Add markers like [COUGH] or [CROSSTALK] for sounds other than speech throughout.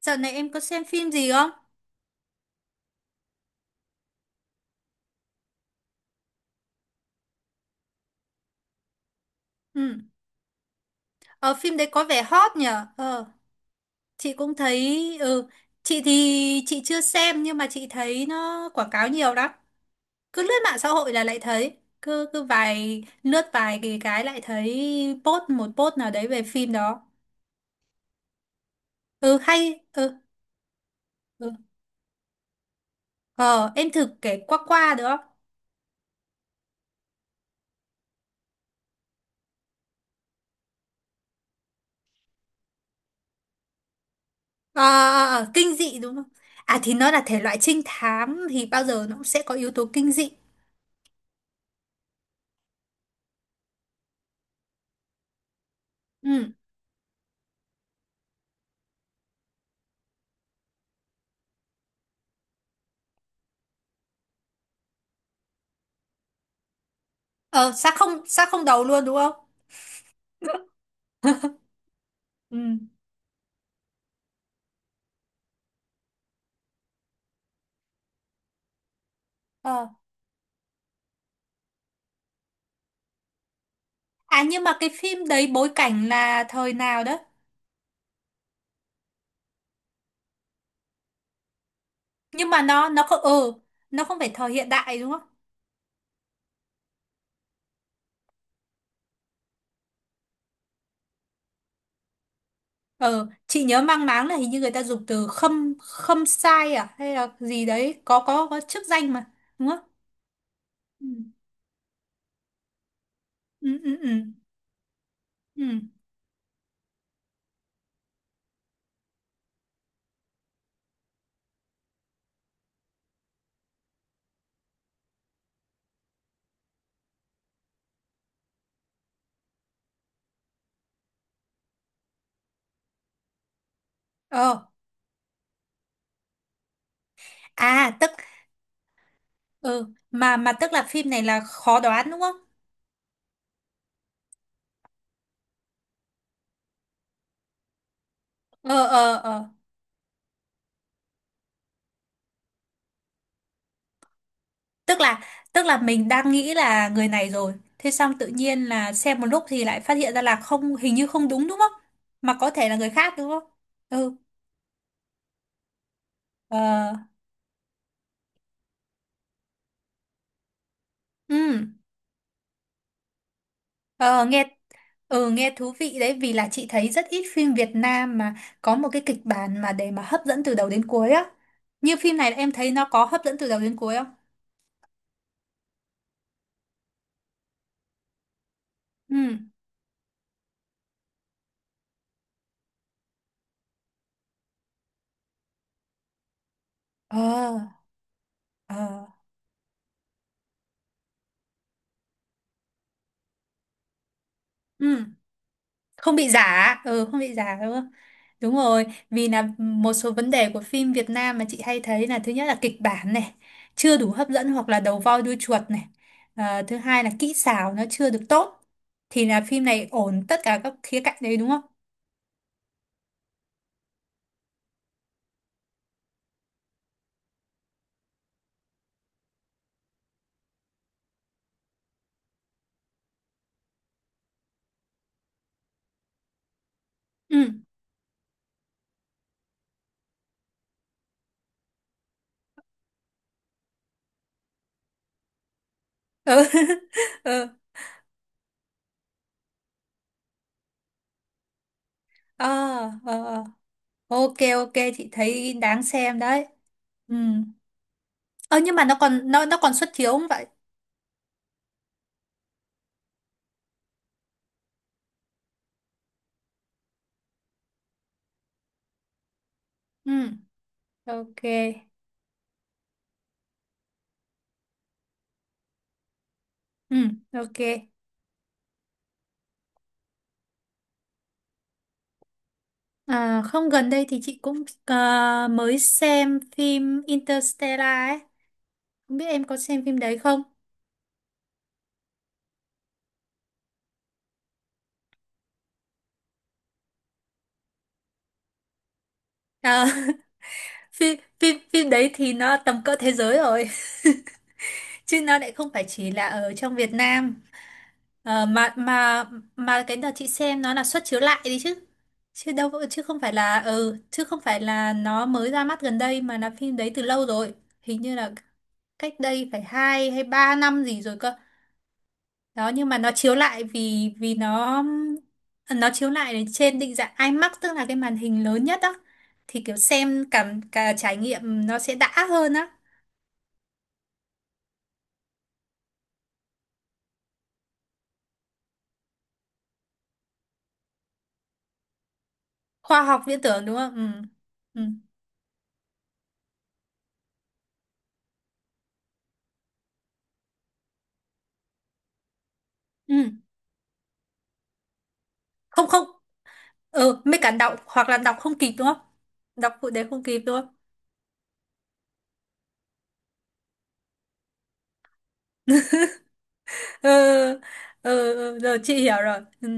Dạo này em có xem phim gì không? Ừ. Ờ, phim đấy có vẻ hot nhở? Ờ, chị cũng thấy... Ừ, chị chưa xem nhưng mà chị thấy nó quảng cáo nhiều lắm. Cứ lướt mạng xã hội là lại thấy. Cứ cứ vài... Lướt vài cái, lại thấy post một post nào đấy về phim đó. Ừ, hay... Ừ, ừ. Ờ, em thử kể qua qua được không? Ờ, ờ, ờ, kinh dị đúng không? À thì nó là thể loại trinh thám thì bao giờ nó cũng sẽ có yếu tố kinh dị. Ừ. Ờ, xác không đầu luôn đúng không? Ừ. Ờ. À nhưng mà cái phim đấy bối cảnh là thời nào đó? Nhưng mà nó không nó không phải thời hiện đại đúng không? Ờ, chị nhớ mang máng là hình như người ta dùng từ khâm khâm sai à hay là gì đấy, có chức danh mà, đúng không? Ừ ừ ừ. Ừ. Ừ. Ờ, à tức ừ mà Tức là phim này là khó đoán đúng không? Ờ ờ ờ. tức là tức là mình đang nghĩ là người này rồi thế xong tự nhiên là xem một lúc thì lại phát hiện ra là không, hình như không đúng đúng không, mà có thể là người khác đúng không? ừ ờ ừ ờ nghe Nghe thú vị đấy, vì là chị thấy rất ít phim Việt Nam mà có một cái kịch bản mà để mà hấp dẫn từ đầu đến cuối á. Như phim này em thấy nó có hấp dẫn từ đầu đến cuối không? ừ ờ ờ ừ Không bị giả, ừ không bị giả đúng không? Đúng rồi, vì là một số vấn đề của phim Việt Nam mà chị hay thấy là thứ nhất là kịch bản này chưa đủ hấp dẫn hoặc là đầu voi đuôi chuột này. Ờ, thứ hai là kỹ xảo nó chưa được tốt. Thì là phim này ổn tất cả các khía cạnh đấy đúng không? Ừ ừ [LAUGHS] ừ. Ờ, ờ, ờ. Ok ok, chị thấy đáng xem đấy. Ừ, ờ nhưng mà nó còn xuất chiếu không vậy? Ừ ok. Ừ ok. À, không gần đây thì chị cũng mới xem phim Interstellar ấy. Không biết em có xem phim đấy không? Ờ, [LAUGHS] phim đấy thì nó tầm cỡ thế giới rồi. [LAUGHS] Chứ nó lại không phải chỉ là ở trong Việt Nam. Ờ, mà cái đợt chị xem nó là suất chiếu lại đi chứ. Chứ đâu, chứ không phải là chứ không phải là nó mới ra mắt gần đây mà là phim đấy từ lâu rồi. Hình như là cách đây phải hai hay ba năm gì rồi cơ. Đó nhưng mà nó chiếu lại vì vì nó chiếu lại ở trên định dạng IMAX, tức là cái màn hình lớn nhất. Đó thì kiểu xem cảm cả trải nghiệm nó sẽ đã hơn á. Khoa học viễn tưởng đúng không? Ừ ừ ừ, không không, ừ mấy cả đọc hoặc là đọc không kịp đúng không? Đọc phụ đề không kịp đúng không? [LAUGHS] Ừ ừ ừ, rồi chị hiểu rồi ừ.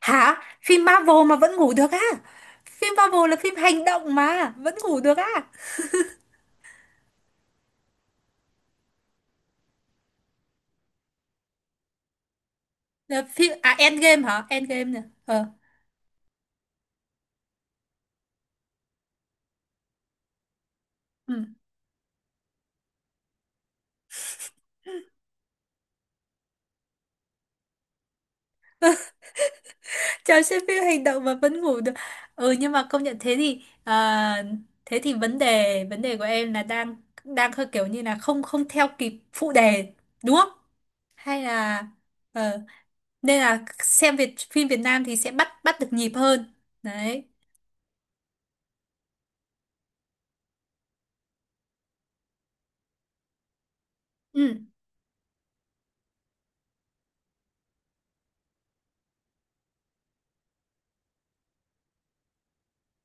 Hả, phim Marvel mà vẫn ngủ được á? Phim Marvel là phim hành động mà vẫn ngủ được á? Là phim à, Endgame hả? Endgame nè ờ. Ừ. Chào, xem phim hành động mà vẫn ngủ được. Ừ nhưng mà công nhận thế thì à, thế thì vấn đề của em là đang đang hơi kiểu như là không, không theo kịp phụ đề đúng không? Hay là ờ, nên là xem phim Việt Nam thì sẽ bắt bắt được nhịp hơn. Đấy. Ừ.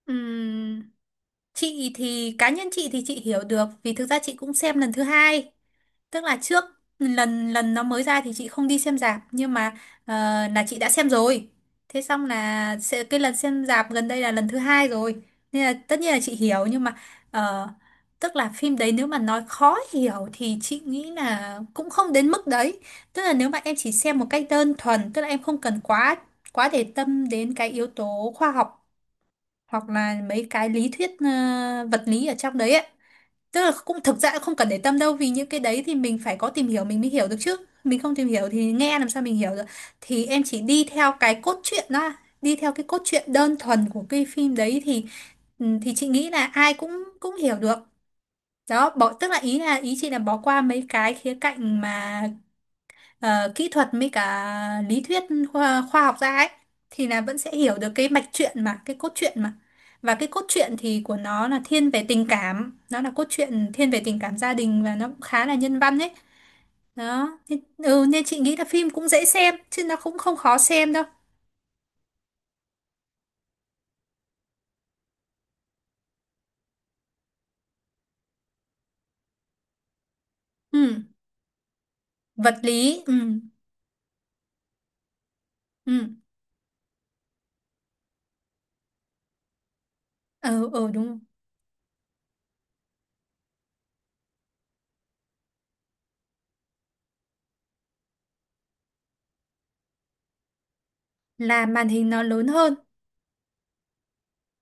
Ừ. Chị thì cá nhân chị hiểu được, vì thực ra chị cũng xem lần thứ hai. Tức là trước lần lần nó mới ra thì chị không đi xem rạp nhưng mà ờ, là chị đã xem rồi. Thế xong là sẽ- cái lần xem rạp gần đây là lần thứ hai rồi. Nên là tất nhiên là chị hiểu nhưng mà ờ, tức là phim đấy nếu mà nói khó hiểu thì chị nghĩ là cũng không đến mức đấy. Tức là nếu mà em chỉ xem một cách đơn thuần, tức là em không cần quá quá để tâm đến cái yếu tố khoa học hoặc là mấy cái lý thuyết vật lý ở trong đấy ấy. Tức là cũng thực ra cũng không cần để tâm đâu, vì những cái đấy thì mình phải có tìm hiểu mình mới hiểu được chứ. Mình không tìm hiểu thì nghe làm sao mình hiểu được. Thì em chỉ đi theo cái cốt truyện đó, đi theo cái cốt truyện đơn thuần của cái phim đấy thì ừ, thì chị nghĩ là ai cũng cũng hiểu được. Đó, bỏ tức là ý chị là bỏ qua mấy cái khía cạnh mà kỹ thuật với cả lý thuyết khoa học ra ấy thì là vẫn sẽ hiểu được cái mạch truyện mà cái cốt truyện mà, và cái cốt truyện thì của nó là thiên về tình cảm, nó là cốt truyện thiên về tình cảm gia đình và nó cũng khá là nhân văn ấy. Đó nên, ừ, nên chị nghĩ là phim cũng dễ xem chứ nó cũng không khó xem đâu. Ừ. Vật lý ừ. Ừ ừ, ừ đúng rồi. Là màn hình nó lớn hơn.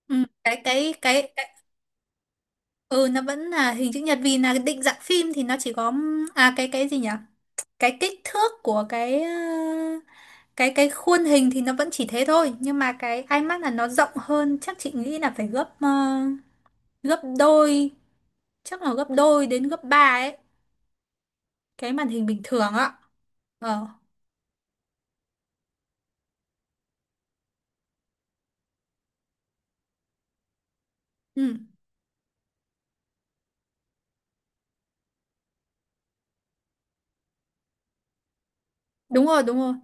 Ừ. Cái Ừ, nó vẫn là hình chữ nhật, vì là định dạng phim thì nó chỉ có à cái gì nhỉ, cái kích thước của cái khuôn hình thì nó vẫn chỉ thế thôi, nhưng mà cái iMac là nó rộng hơn, chắc chị nghĩ là phải gấp gấp đôi, chắc là gấp đôi đến gấp ba ấy cái màn hình bình thường ạ. Ờ ừ đúng rồi đúng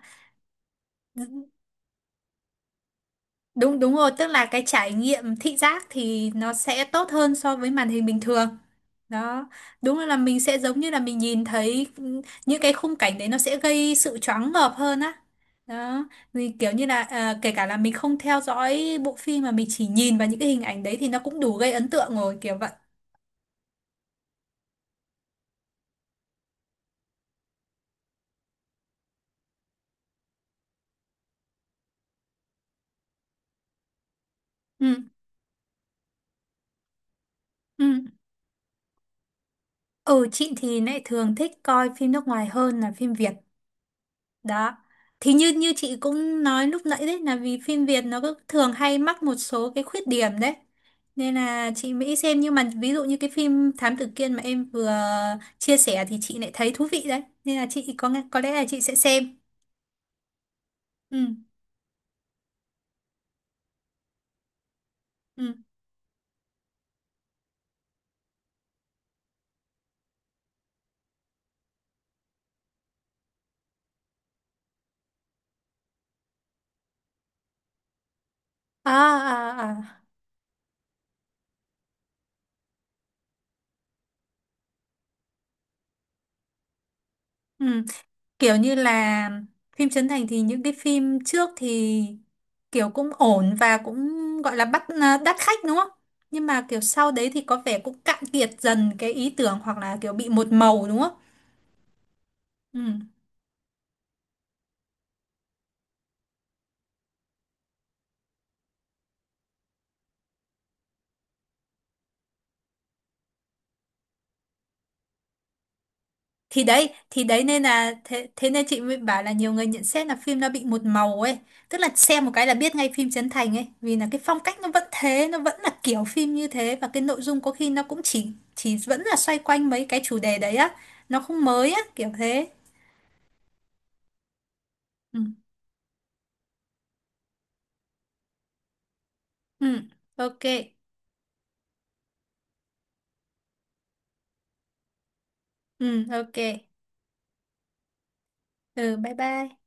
rồi. Đúng đúng rồi, tức là cái trải nghiệm thị giác thì nó sẽ tốt hơn so với màn hình bình thường. Đó, đúng là mình sẽ giống như là mình nhìn thấy ừ, những cái khung cảnh đấy nó sẽ gây sự choáng ngợp hơn á. Đó, thì kiểu như là à, kể cả là mình không theo dõi bộ phim mà mình chỉ nhìn vào những cái hình ảnh đấy thì nó cũng đủ gây ấn tượng rồi, kiểu vậy. Ừ, ừ. Ừ, chị thì lại thường thích coi phim nước ngoài hơn là phim Việt. Đó. Thì như như chị cũng nói lúc nãy đấy là vì phim Việt nó cứ thường hay mắc một số cái khuyết điểm đấy. Nên là chị mới xem, nhưng mà ví dụ như cái phim Thám Tử Kiên mà em vừa chia sẻ thì chị lại thấy thú vị đấy. Nên là chị có nghe- có lẽ là chị sẽ xem. Ừ ừ. À à à. Ừ. Kiểu như là phim Trấn Thành thì những cái phim trước thì kiểu cũng ổn và cũng gọi là bắt à, đắt khách đúng không? Nhưng mà kiểu sau đấy thì có vẻ cũng cạn kiệt dần cái ý tưởng hoặc là kiểu bị một màu đúng không? Ừ. Thì đấy nên là thế, thế nên chị mới bảo là nhiều người nhận xét là phim nó bị một màu ấy, tức là xem một cái là biết ngay phim Trấn Thành ấy, vì là cái phong cách nó vẫn thế, nó vẫn là kiểu phim như thế và cái nội dung có khi nó cũng chỉ vẫn là xoay quanh mấy cái chủ đề đấy á, nó không mới á, kiểu thế. Ừ ừ ok. Ừ ok. Ừ bye bye.